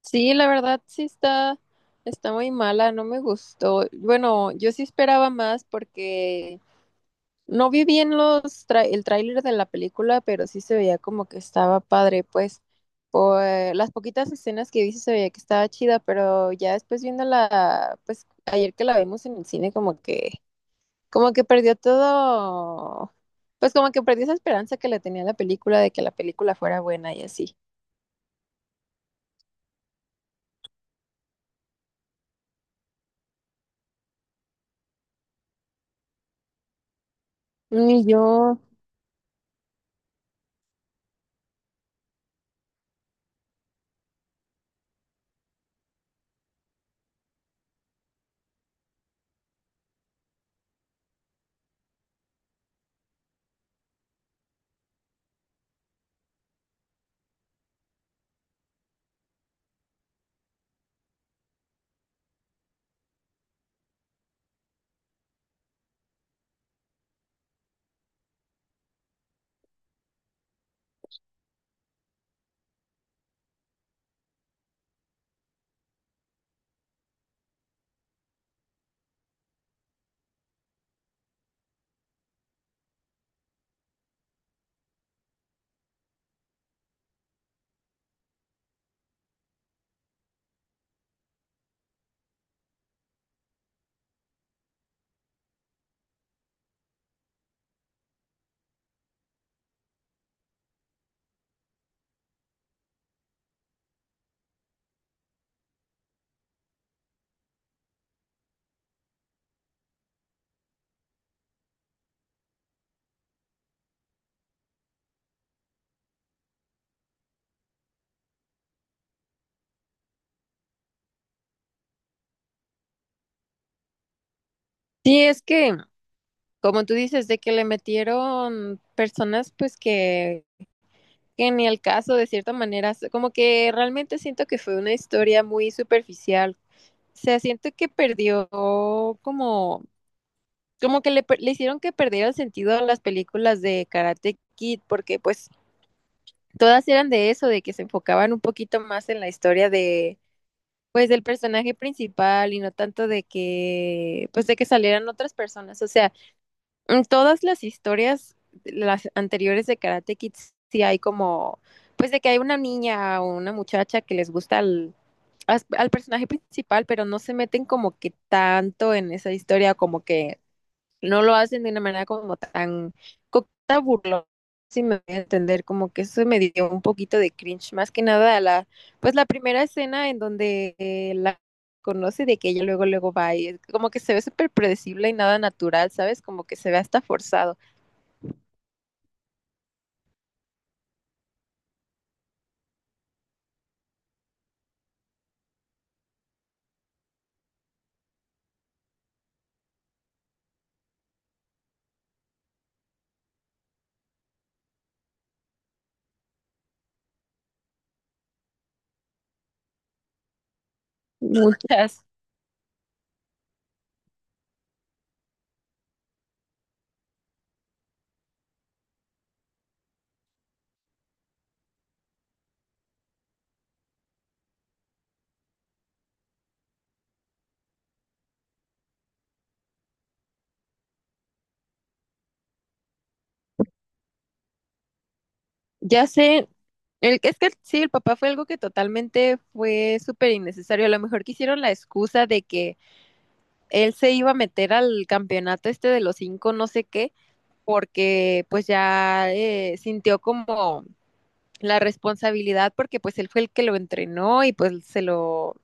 Sí, la verdad sí está muy mala, no me gustó. Bueno, yo sí esperaba más porque no vi bien el tráiler de la película, pero sí se veía como que estaba padre, pues por las poquitas escenas que vi sí se veía que estaba chida, pero ya después viéndola, pues ayer que la vimos en el cine como que perdió todo, pues como que perdió esa esperanza que le tenía a la película de que la película fuera buena y así. Y yo, sí, es que como tú dices, de que le metieron personas pues que ni el caso de cierta manera, como que realmente siento que fue una historia muy superficial. O sea, siento que perdió como, como que le hicieron que perdiera el sentido a las películas de Karate Kid, porque pues todas eran de eso, de que se enfocaban un poquito más en la historia de, pues del personaje principal y no tanto de que salieran otras personas. O sea, en todas las historias, las anteriores de Karate Kids, sí hay como, pues de que hay una niña o una muchacha que les gusta al, al personaje principal, pero no se meten como que tanto en esa historia, como que no lo hacen de una manera como tan burlona, si me voy a entender, como que eso me dio un poquito de cringe, más que nada la primera escena en donde la conoce de que ella luego luego va y es como que se ve súper predecible y nada natural, ¿sabes? Como que se ve hasta forzado. Muchas. Ya sé, es que sí, el papá fue algo que totalmente fue súper innecesario. A lo mejor quisieron la excusa de que él se iba a meter al campeonato este de los cinco, no sé qué, porque pues ya sintió como la responsabilidad porque pues él fue el que lo entrenó y pues se lo,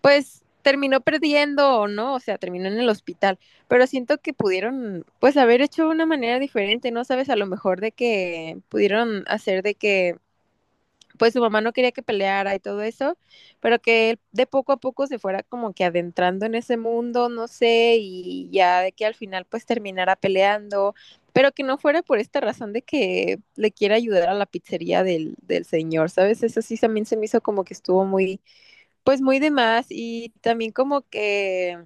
pues terminó perdiendo o no, o sea, terminó en el hospital, pero siento que pudieron pues haber hecho de una manera diferente, ¿no? Sabes, a lo mejor de que pudieron hacer de que pues su mamá no quería que peleara y todo eso, pero que él de poco a poco se fuera como que adentrando en ese mundo, no sé, y ya de que al final pues terminara peleando, pero que no fuera por esta razón de que le quiere ayudar a la pizzería del, del señor, ¿sabes? Eso sí también se me hizo como que estuvo muy, pues muy de más y también como que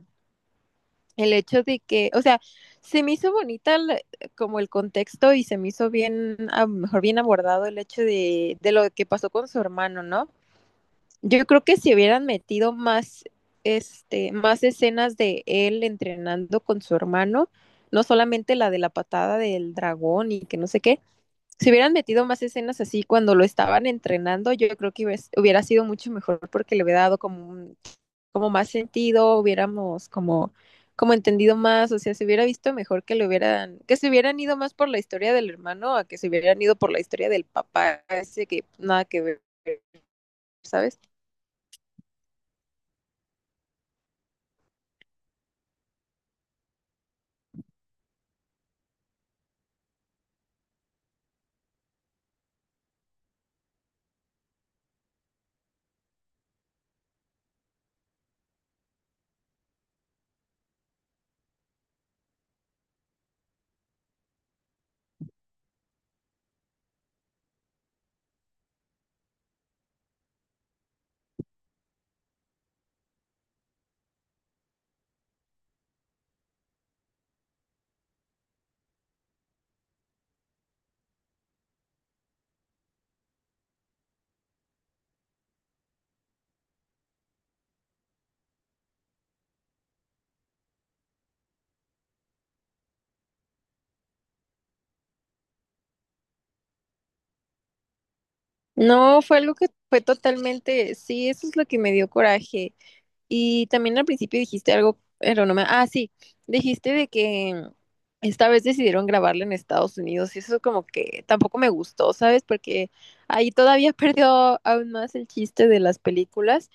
el hecho de que, o sea, se me hizo bonita como el contexto y se me hizo bien, a lo mejor bien abordado el hecho de lo que pasó con su hermano, ¿no? Yo creo que si hubieran metido más, este, más escenas de él entrenando con su hermano, no solamente la de la patada del dragón y que no sé qué, si hubieran metido más escenas así cuando lo estaban entrenando, yo creo que hubiera sido mucho mejor porque le hubiera dado como más sentido, hubiéramos como entendido más, o sea, se hubiera visto mejor que le hubieran, que se hubieran ido más por la historia del hermano a que se hubieran ido por la historia del papá, ese que nada que ver, ¿sabes? No, fue algo que fue totalmente, sí, eso es lo que me dio coraje. Y también al principio dijiste algo, pero no me, ah, sí, dijiste de que esta vez decidieron grabarla en Estados Unidos y eso como que tampoco me gustó, ¿sabes? Porque ahí todavía perdió aún más el chiste de las películas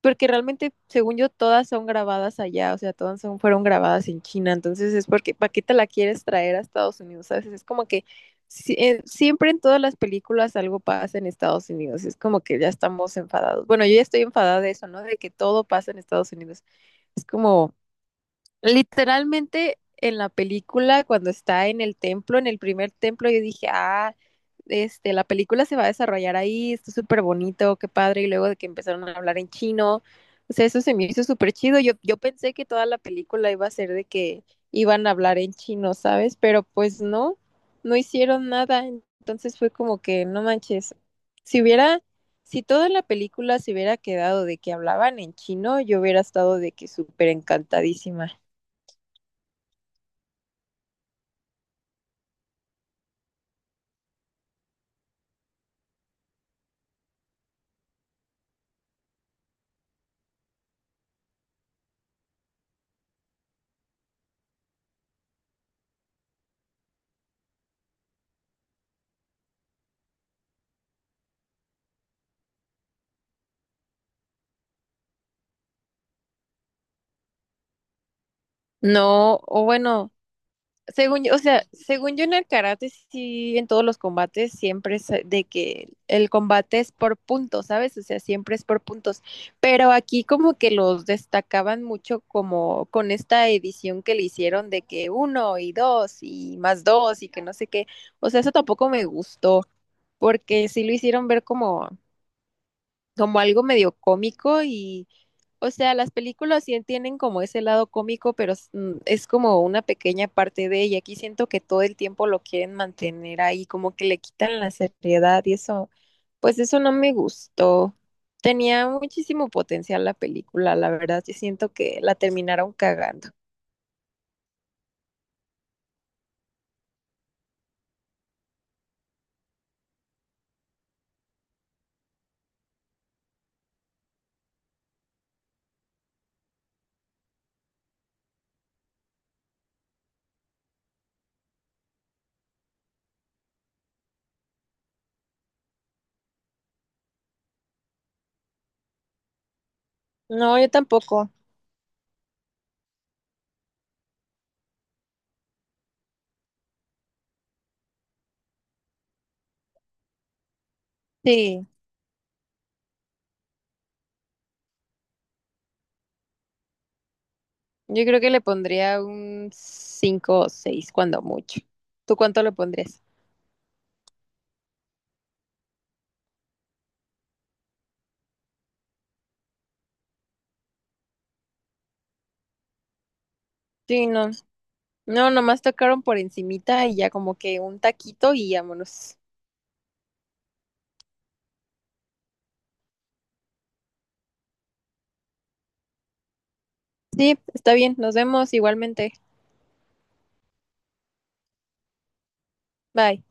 porque realmente, según yo, todas son grabadas allá, o sea, todas son, fueron grabadas en China, entonces es porque, ¿para qué te la quieres traer a Estados Unidos? Sabes, es como que siempre en todas las películas algo pasa en Estados Unidos, es como que ya estamos enfadados. Bueno, yo ya estoy enfadada de eso, ¿no? De que todo pasa en Estados Unidos. Es como, Literalmente en la película, cuando está en el templo, en el primer templo, yo dije, ah, este, la película se va a desarrollar ahí, está súper bonito, qué padre. Y luego de que empezaron a hablar en chino, o sea, eso se me hizo súper chido. Yo pensé que toda la película iba a ser de que iban a hablar en chino, ¿sabes? Pero pues no, no hicieron nada. Entonces fue como que, no manches, si hubiera, si toda la película se hubiera quedado de que hablaban en chino, yo hubiera estado de que súper encantadísima. No, o bueno, según yo en el karate, sí, en todos los combates siempre es de que el combate es por puntos, ¿sabes? O sea, siempre es por puntos. Pero aquí como que los destacaban mucho como con esta edición que le hicieron de que uno y dos y más dos y que no sé qué. O sea, eso tampoco me gustó, porque sí lo hicieron ver como como algo medio cómico y, o sea, las películas sí tienen como ese lado cómico, pero es es como una pequeña parte de ella. Aquí siento que todo el tiempo lo quieren mantener ahí, como que le quitan la seriedad y eso, pues eso no me gustó. Tenía muchísimo potencial la película, la verdad, yo siento que la terminaron cagando. No, yo tampoco. Sí, yo creo que le pondría un 5 o 6 cuando mucho. ¿Tú cuánto le pondrías? Sí, no. No, nomás tocaron por encimita y ya como que un taquito y vámonos. Sí, está bien, nos vemos igualmente. Bye.